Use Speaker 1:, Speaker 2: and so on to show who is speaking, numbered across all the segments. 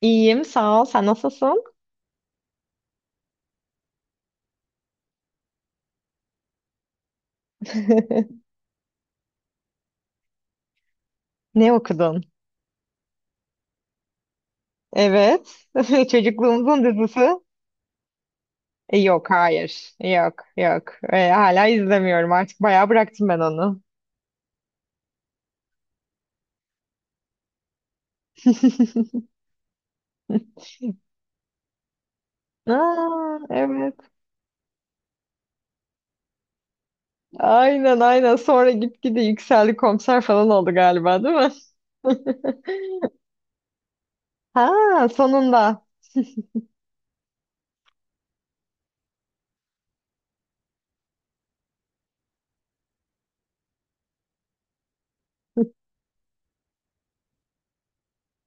Speaker 1: İyiyim, sağ ol. Sen nasılsın? Ne okudun? Evet. Çocukluğumuzun dizisi. Yok, hayır. Yok, yok. Hala izlemiyorum. Artık bayağı bıraktım ben onu. Aa, evet. Aynen, aynen. Sonra gitgide yükseldi komiser falan oldu galiba, değil mi? Ha, sonunda.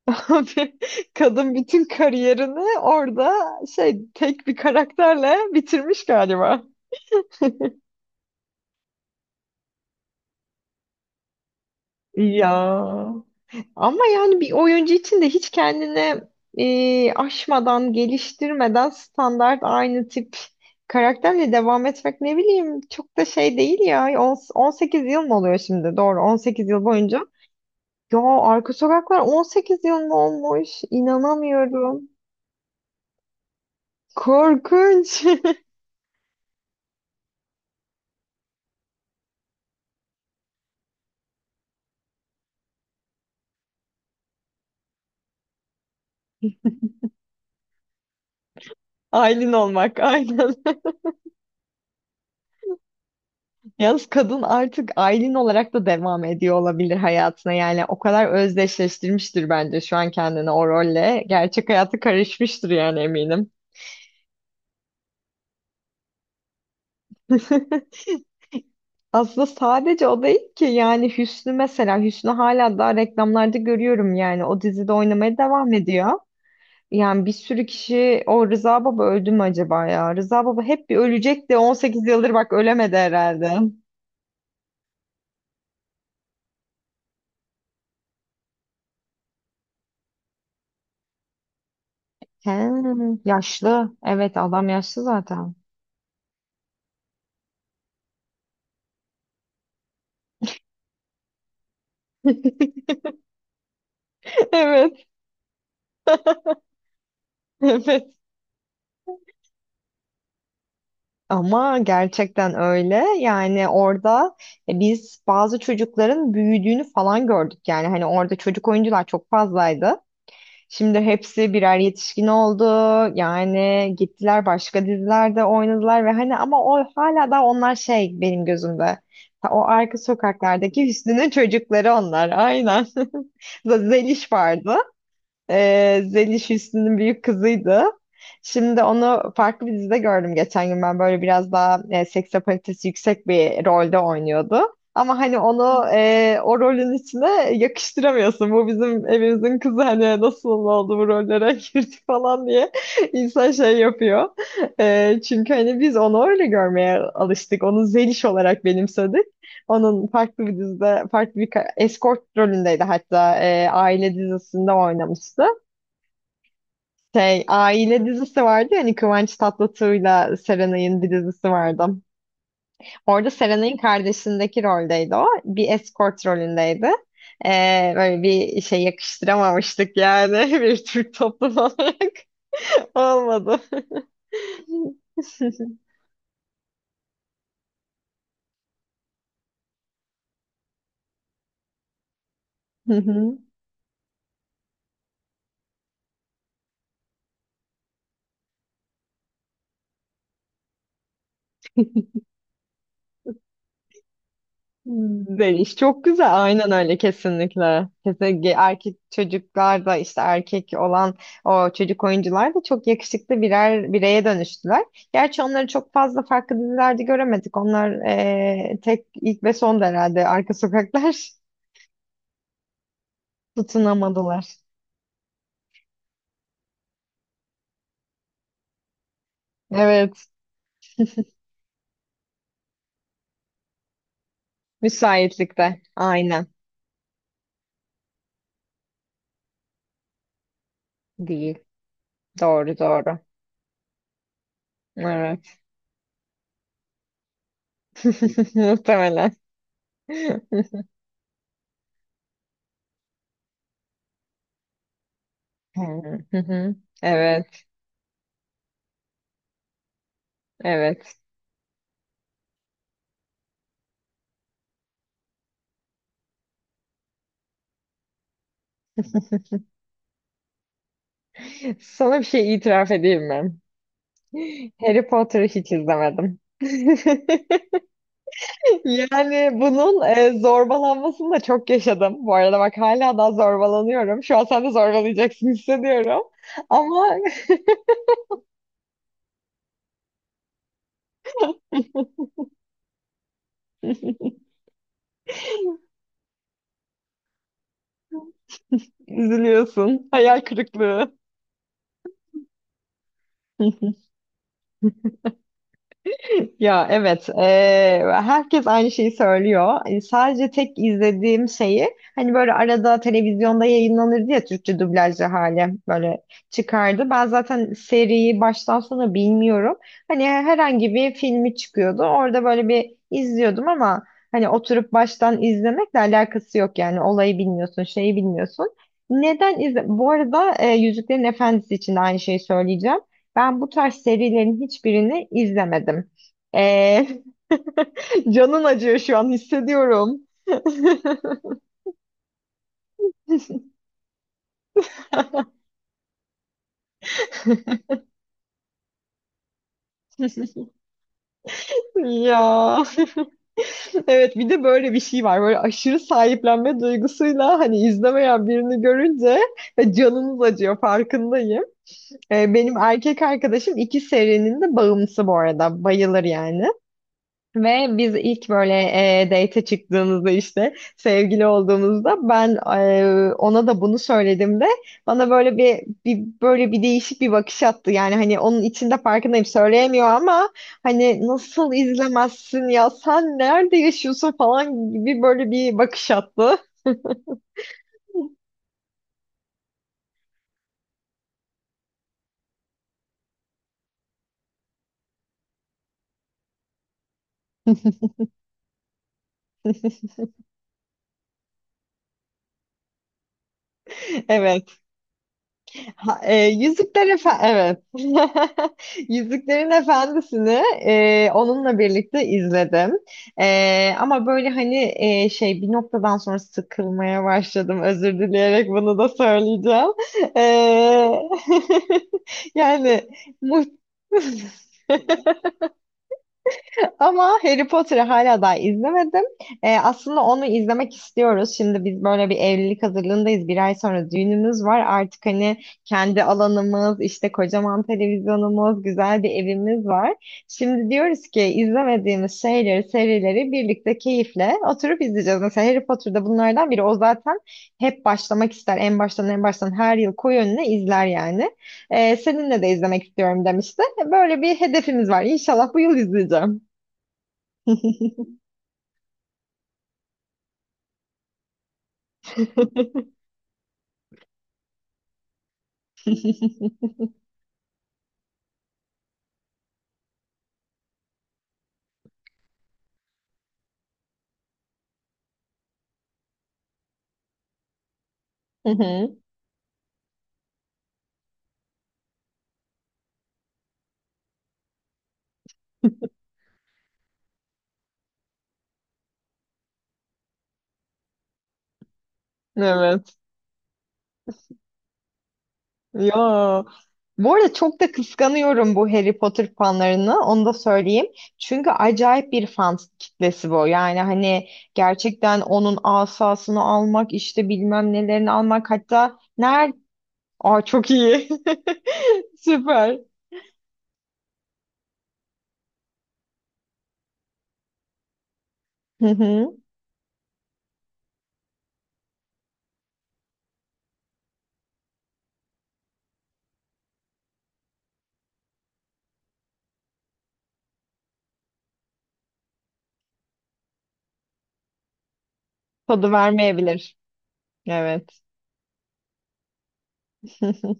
Speaker 1: Kadın bütün kariyerini orada şey tek bir karakterle bitirmiş galiba. Ya ama yani bir oyuncu için de hiç kendine aşmadan, geliştirmeden standart aynı tip karakterle devam etmek ne bileyim çok da şey değil ya. 18 yıl mı oluyor şimdi? Doğru 18 yıl boyunca. Ya Arka Sokaklar 18 yıl mı olmuş? İnanamıyorum. Korkunç. Aylin olmak aynen. Yalnız kadın artık Aylin olarak da devam ediyor olabilir hayatına. Yani o kadar özdeşleştirmiştir bence şu an kendini o rolle. Gerçek hayatı karışmıştır yani eminim. Aslında sadece o değil ki yani Hüsnü mesela Hüsnü hala daha reklamlarda görüyorum yani o dizide oynamaya devam ediyor. Yani bir sürü kişi o Rıza Baba öldü mü acaba ya? Rıza Baba hep bir ölecek de 18 yıldır bak ölemedi herhalde. He, yaşlı. Evet adam yaşlı zaten. Evet, evet. Ama gerçekten öyle. Yani orada biz bazı çocukların büyüdüğünü falan gördük. Yani hani orada çocuk oyuncular çok fazlaydı. Şimdi hepsi birer yetişkin oldu. Yani gittiler başka dizilerde oynadılar ve hani ama o hala da onlar şey benim gözümde. Ha, o arka sokaklardaki Hüsnü'nün çocukları onlar. Aynen. Zeliş vardı. Zeliş Hüsnü'nün büyük kızıydı. Şimdi onu farklı bir dizide gördüm geçen gün. Ben böyle biraz daha seks apalitesi yüksek bir rolde oynuyordu. Ama hani onu o rolün içine yakıştıramıyorsun. Bu bizim evimizin kızı hani nasıl oldu bu rollere girdi falan diye insan şey yapıyor. Çünkü hani biz onu öyle görmeye alıştık. Onu Zeliş olarak benimsedik. Onun farklı bir dizide, farklı bir escort rolündeydi hatta. Aile dizisinde oynamıştı. Aile dizisi vardı yani Kıvanç Tatlıtuğ'la Serenay'ın bir dizisi vardı. Orada Serenay'ın kardeşindeki roldeydi o. Bir escort rolündeydi. Böyle bir şey yakıştıramamıştık yani bir Türk toplum olarak. Olmadı. Hı hı. Böyle iş çok güzel. Aynen öyle kesinlikle. Kesinlikle erkek çocuklar da işte erkek olan o çocuk oyuncular da çok yakışıklı birer bireye dönüştüler. Gerçi onları çok fazla farklı dizilerde göremedik. Onlar tek ilk ve son da herhalde arka sokaklar tutunamadılar. Evet. Müsaitlikte. Aynen. Değil. Doğru doğru. Evet. Muhtemelen. Hı hı. Evet. Evet. Sana bir şey itiraf edeyim mi? Harry Potter'ı hiç izlemedim. Yani bunun zorbalanmasını da çok yaşadım. Bu arada bak hala daha zorbalanıyorum. Şu an sen de zorbalayacaksın hissediyorum. Ama üzülüyorsun. Hayal kırıklığı. Ya evet, herkes aynı şeyi söylüyor. Sadece tek izlediğim şeyi hani böyle arada televizyonda yayınlanırdı ya Türkçe dublajlı hali böyle çıkardı. Ben zaten seriyi baştan sona bilmiyorum. Hani herhangi bir filmi çıkıyordu. Orada böyle bir izliyordum ama hani oturup baştan izlemekle alakası yok yani olayı bilmiyorsun, şeyi bilmiyorsun. Neden izle? Bu arada Yüzüklerin Efendisi için de aynı şeyi söyleyeceğim. Ben bu tarz serilerin hiçbirini izlemedim. Ee, canın acıyor şu an hissediyorum. Ya evet bir de böyle bir şey var böyle aşırı sahiplenme duygusuyla hani izlemeyen birini görünce canınız acıyor farkındayım. Benim erkek arkadaşım iki serinin de bağımlısı bu arada bayılır yani. Ve biz ilk böyle date çıktığımızda işte sevgili olduğumuzda ben ona da bunu söylediğimde bana böyle bir böyle bir değişik bir bakış attı. Yani hani onun içinde farkındayım söyleyemiyor ama hani nasıl izlemezsin ya sen nerede yaşıyorsun falan gibi böyle bir bakış attı. Evet. Ha, Yüzükler Efendisi, evet. Yüzüklerin Efendisi'ni onunla birlikte izledim. Ama böyle hani şey bir noktadan sonra sıkılmaya başladım. Özür dileyerek bunu da söyleyeceğim. E, yani mu Ama Harry Potter'ı hala daha izlemedim. Aslında onu izlemek istiyoruz. Şimdi biz böyle bir evlilik hazırlığındayız. Bir ay sonra düğünümüz var. Artık hani kendi alanımız, işte kocaman televizyonumuz, güzel bir evimiz var. Şimdi diyoruz ki izlemediğimiz şeyleri, serileri birlikte keyifle oturup izleyeceğiz. Mesela Harry Potter'da bunlardan biri. O zaten hep başlamak ister. En baştan en baştan her yıl koyu önüne izler yani. Seninle de izlemek istiyorum demişti. Böyle bir hedefimiz var. İnşallah bu yıl izleyeceğim. Hı hı. Evet. Ya. Bu arada çok da kıskanıyorum bu Harry Potter fanlarını. Onu da söyleyeyim. Çünkü acayip bir fan kitlesi bu. Yani hani gerçekten onun asasını almak, işte bilmem nelerini almak. Hatta nerede? Aa, çok iyi. Süper. Hı hı. Tadı vermeyebilir. Evet.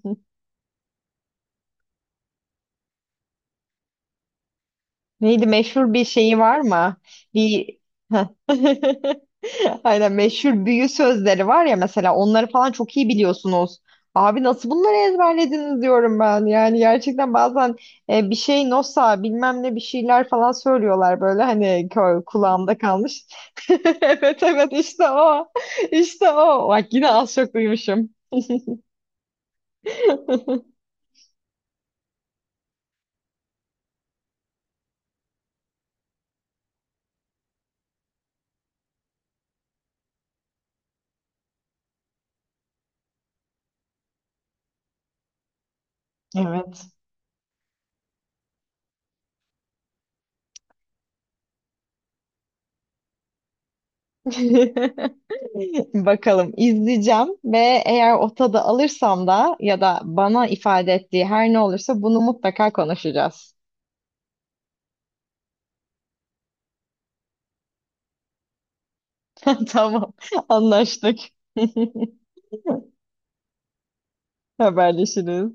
Speaker 1: Neydi, meşhur bir şeyi var mı? Bir Heh. Aynen, meşhur büyü sözleri var ya mesela onları falan çok iyi biliyorsunuz. Abi nasıl bunları ezberlediniz diyorum ben. Yani gerçekten bazen bir şey nosa bilmem ne bir şeyler falan söylüyorlar böyle hani kulağımda kalmış. Evet, evet, işte o. İşte o. Bak yine az çok duymuşum. Evet. Bakalım, izleyeceğim ve eğer o tadı alırsam da ya da bana ifade ettiği her ne olursa bunu mutlaka konuşacağız. Tamam, anlaştık. Haberleşiriz.